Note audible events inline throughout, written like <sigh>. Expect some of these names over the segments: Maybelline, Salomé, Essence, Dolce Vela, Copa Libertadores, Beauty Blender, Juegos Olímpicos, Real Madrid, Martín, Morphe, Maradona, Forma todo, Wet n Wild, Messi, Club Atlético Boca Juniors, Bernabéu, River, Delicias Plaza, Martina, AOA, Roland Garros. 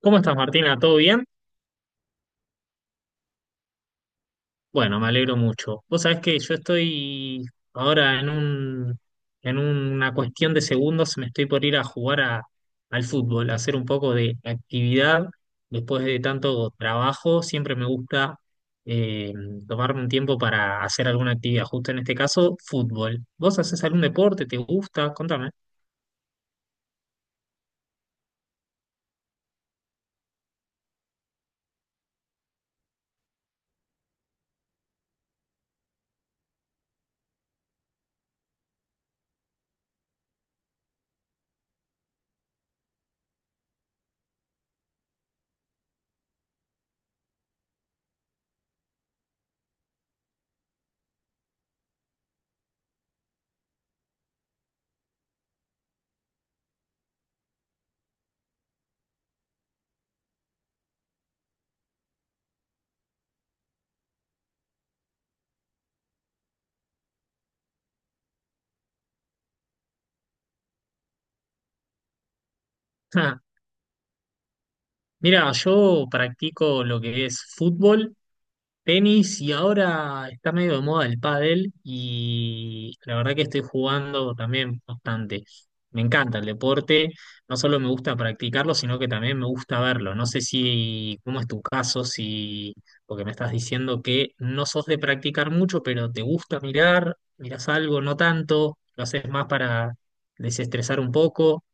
¿Cómo estás, Martina? ¿Todo bien? Bueno, me alegro mucho. Vos sabés que yo estoy ahora en una cuestión de segundos, me estoy por ir a al fútbol, a hacer un poco de actividad. Después de tanto trabajo, siempre me gusta eh, tomarme un tiempo para hacer alguna actividad, justo en este caso, fútbol. ¿Vos haces algún deporte? ¿Te gusta? Contame. <laughs> Ah, Mira, yo practico lo que es fútbol, tenis, y ahora está medio de moda el pádel y la verdad que estoy jugando también bastante. Me encanta el deporte, no solo me gusta practicarlo, sino que también me gusta verlo. No sé si, cómo es tu caso, si, porque me estás diciendo que no sos de practicar mucho, pero te gusta mirar, mirás algo, no tanto, lo haces más para desestresar un poco.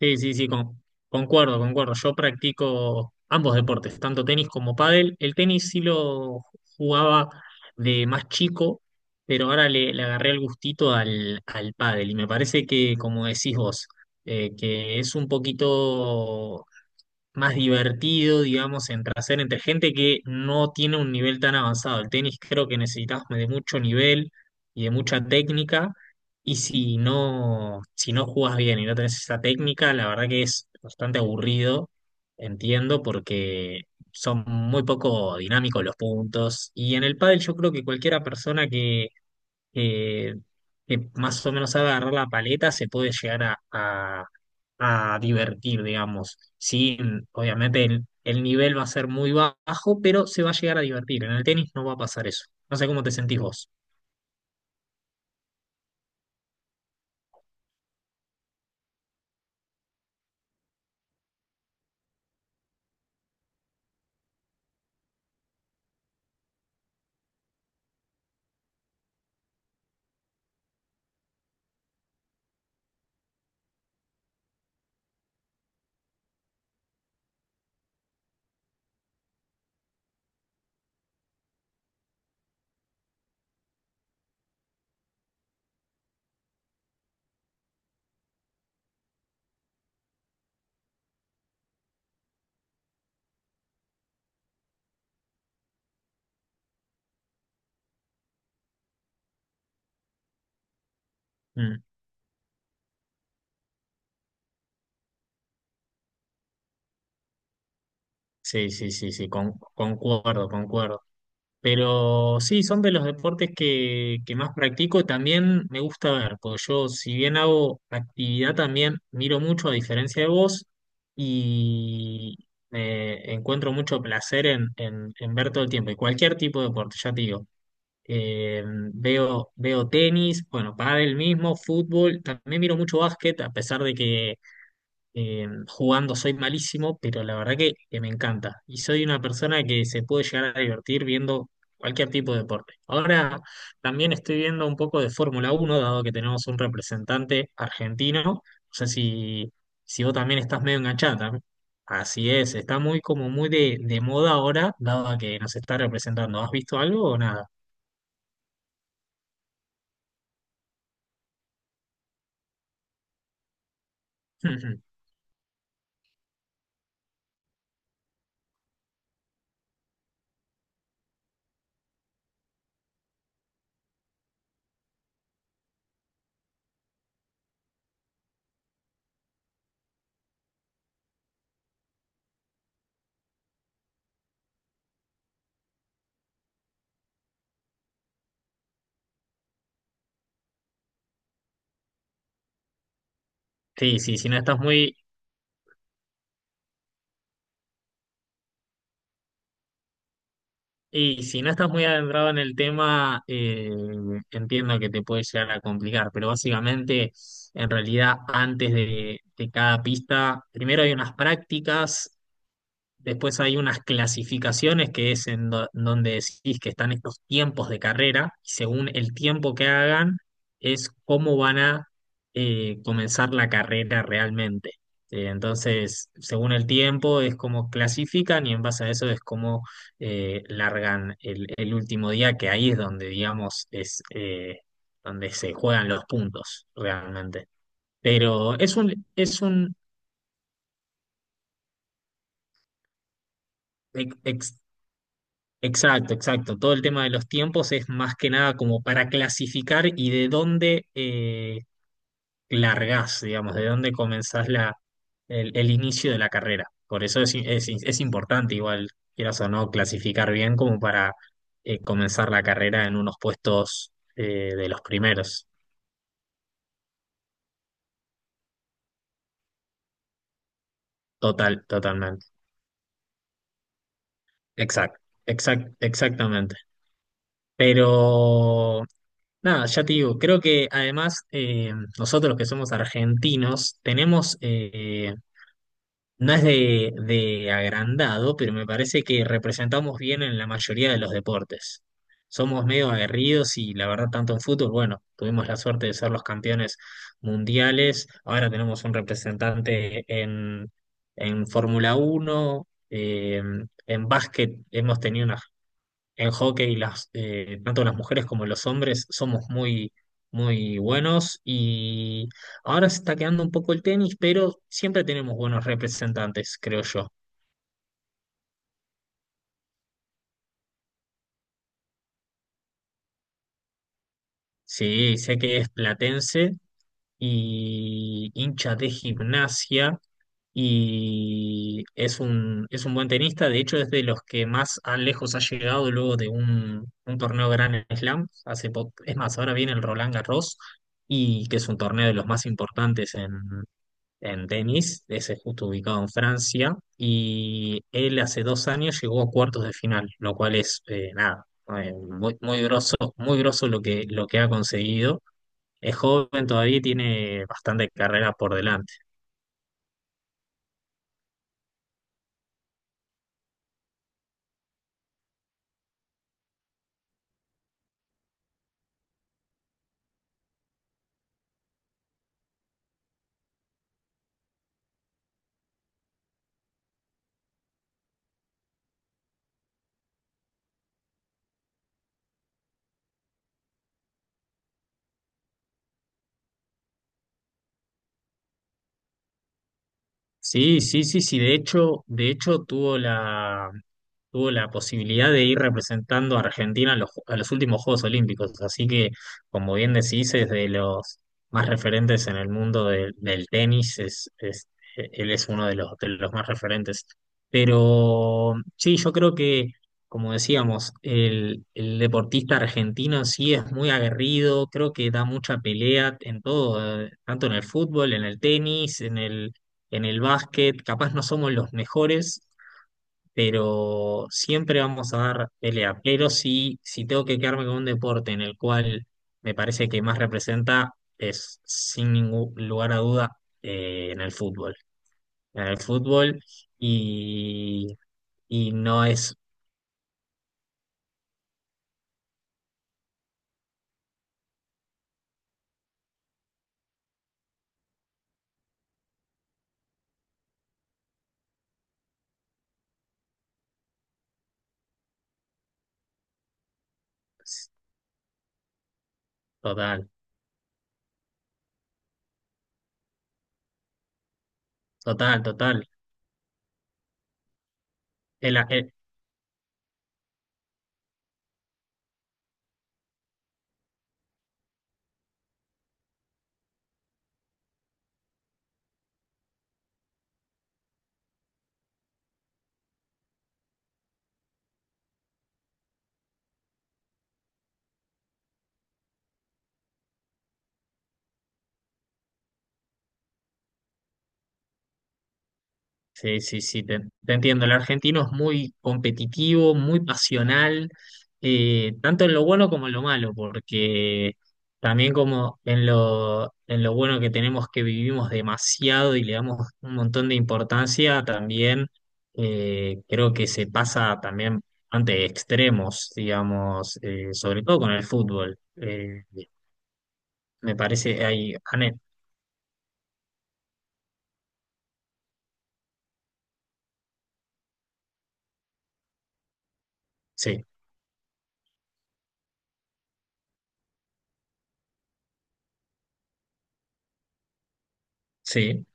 Sí, sí, sí, concuerdo, concuerdo. Yo practico ambos deportes, tanto tenis como pádel. El tenis sí lo jugaba de más chico, pero ahora le agarré el gustito al pádel. Y me parece que, como decís vos, que es un poquito más divertido, digamos, entre hacer entre gente que no tiene un nivel tan avanzado. El tenis creo que necesitas de mucho nivel y de mucha técnica, y si no, si no jugás bien y no tenés esa técnica, la verdad que es bastante aburrido, entiendo, porque son muy poco dinámicos los puntos. Y en el pádel yo creo que cualquiera persona eh, que más o menos sabe agarrar la paleta, se puede llegar a divertir, digamos. Sí, obviamente el nivel va a ser muy bajo, pero se va a llegar a divertir. En el tenis no va a pasar eso. No sé cómo te sentís vos. Mm, Sí, sí, sí, sí, concuerdo, concuerdo. Pero sí, son de los deportes que más practico. También me gusta ver, porque yo, si bien hago actividad, también miro mucho, a diferencia de vos, y encuentro mucho placer en ver todo el tiempo. Y cualquier tipo de deporte, ya te digo. Eh, veo, veo tenis, bueno, pádel mismo, fútbol. También miro mucho básquet, a pesar de que jugando soy malísimo, pero la verdad que me encanta. Y soy una persona que se puede llegar a divertir viendo cualquier tipo de deporte. Ahora también estoy viendo un poco de Fórmula 1, dado que tenemos un representante argentino. No sé si, si vos también estás medio enganchada. También. Así es, está muy como muy de moda ahora, dado que nos está representando. ¿Has visto algo o nada? <laughs> Sí, sí, si no estás muy, y si no estás muy adentrado en el tema, entiendo que te puede llegar a complicar, pero básicamente, en realidad, antes de cada pista, primero hay unas prácticas. Después hay unas clasificaciones que es en donde decís que están estos tiempos de carrera y según el tiempo que hagan es cómo van a comenzar la carrera realmente. Entonces, según el tiempo es como clasifican y en base a eso es como largan el último día, que ahí es donde, digamos, es donde se juegan los puntos realmente. Pero es un ex- exacto, exacto. Todo el tema de los tiempos es más que nada como para clasificar y de dónde largás, digamos, de dónde comenzás el inicio de la carrera. Por eso es importante, igual, quieras o no, clasificar bien como para comenzar la carrera en unos puestos de los primeros. Total, totalmente. Exacto, exactamente. Pero nada, ya te digo, creo que además nosotros que somos argentinos tenemos, no es de agrandado, pero me parece que representamos bien en la mayoría de los deportes. Somos medio aguerridos y la verdad tanto en fútbol, bueno, tuvimos la suerte de ser los campeones mundiales, ahora tenemos un representante en Fórmula 1, en básquet hemos tenido una, en hockey, las, tanto las mujeres como los hombres somos muy, muy buenos y ahora se está quedando un poco el tenis, pero siempre tenemos buenos representantes, creo yo. Sí, sé que es platense y hincha de gimnasia y es un buen tenista, de hecho es de los que más a lejos ha llegado luego de un torneo Grand Slam, hace es más, ahora viene el Roland Garros y que es un torneo de los más importantes en tenis, ese es justo ubicado en Francia, y él hace 2 años llegó a cuartos de final, lo cual es nada, muy, muy groso lo lo que ha conseguido. Es joven todavía y tiene bastante carrera por delante. Sí, sí, sí, sí. De hecho tuvo tuvo la posibilidad de ir representando a Argentina a a los últimos Juegos Olímpicos. Así que, como bien decís, es de los más referentes en el mundo del del tenis. Él es uno de los más referentes. Pero sí, yo creo que, como decíamos, el deportista argentino sí es muy aguerrido. Creo que da mucha pelea en todo, tanto en el fútbol, en el tenis, en el básquet, capaz no somos los mejores, pero siempre vamos a dar pelea. Pero si, si tengo que quedarme con un deporte en el cual me parece que más representa, es sin ningún lugar a duda en el fútbol. En el fútbol y, y no es total, total, total. El, el- Sí, sí, sí, te entiendo. El argentino es muy competitivo, muy pasional, tanto en lo bueno como en lo malo, porque también como en lo bueno que tenemos que vivimos demasiado y le damos un montón de importancia, también creo que se pasa también ante extremos, digamos, sobre todo con el fútbol. Me parece, sí, sí.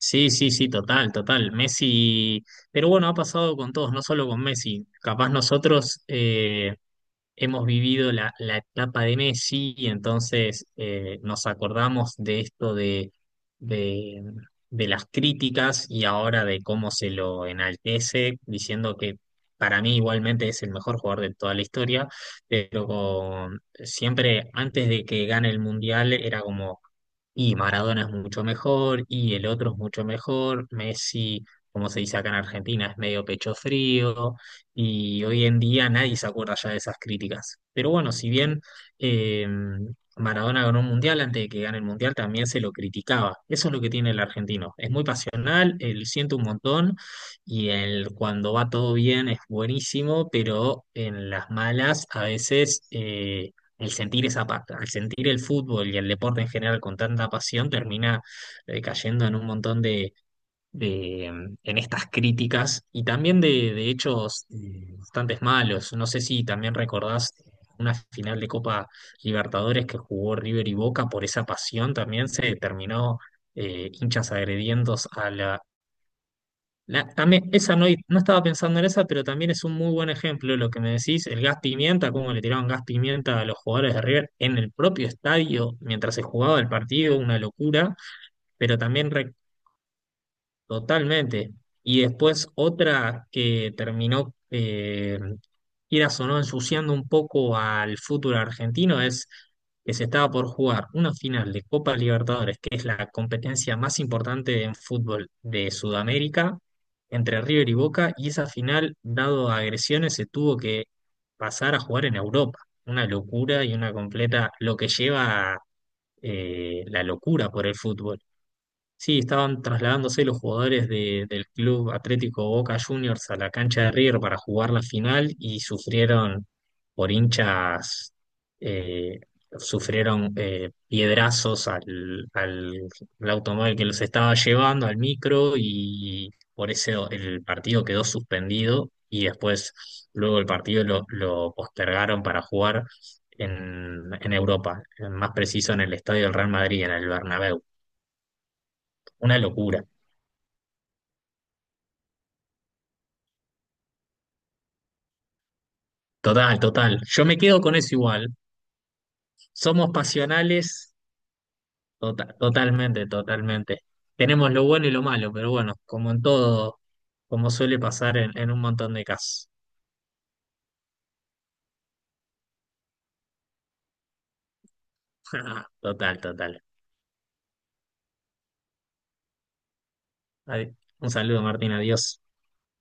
Sí, sí, sí, total, total. Messi, pero bueno, ha pasado con todos, no solo con Messi. Capaz nosotros, hemos vivido la etapa de Messi y entonces nos acordamos de esto de, de las críticas y ahora de cómo se lo enaltece, diciendo que para mí igualmente es el mejor jugador de toda la historia, pero siempre antes de que gane el Mundial era como... Y Maradona es mucho mejor, y el otro es mucho mejor. Messi, como se dice acá en Argentina, es medio pecho frío y hoy en día nadie se acuerda ya de esas críticas. Pero bueno, si bien eh, Maradona ganó un mundial, antes de que gane el mundial también se lo criticaba. Eso es lo que tiene el argentino. Es muy pasional, él siente un montón y él cuando va todo bien es buenísimo, pero en las malas a veces... El sentir esa, al sentir el fútbol y el deporte en general con tanta pasión, termina cayendo en un montón en estas críticas y también de hechos bastante malos. No sé si también recordás una final de Copa Libertadores que jugó River y Boca por esa pasión, también se terminó hinchas agrediendo a la... también, esa no, no estaba pensando en esa, pero también es un muy buen ejemplo lo que me decís, el gas pimienta, cómo le tiraron gas pimienta a los jugadores de River en el propio estadio mientras se jugaba el partido, una locura, pero también totalmente. Y después otra que terminó, quieras o no, ensuciando un poco al fútbol argentino es que se estaba por jugar una final de Copa Libertadores, que es la competencia más importante en fútbol de Sudamérica, entre River y Boca, y esa final, dado agresiones, se tuvo que pasar a jugar en Europa. Una locura y una completa, lo que lleva la locura por el fútbol. Sí, estaban trasladándose los jugadores del Club Atlético Boca Juniors a la cancha de River para jugar la final y sufrieron por hinchas, eh, sufrieron piedrazos al automóvil que los estaba llevando, al micro, y por eso el partido quedó suspendido y después luego el partido lo postergaron para jugar en Europa, más preciso en el estadio del Real Madrid, en el Bernabéu. Una locura. Total, total. Yo me quedo con eso igual. Somos pasionales, totalmente, totalmente. Tenemos lo bueno y lo malo, pero bueno, como en todo, como suele pasar en un montón de casos. <laughs> Total, total. Un saludo, Martín, adiós.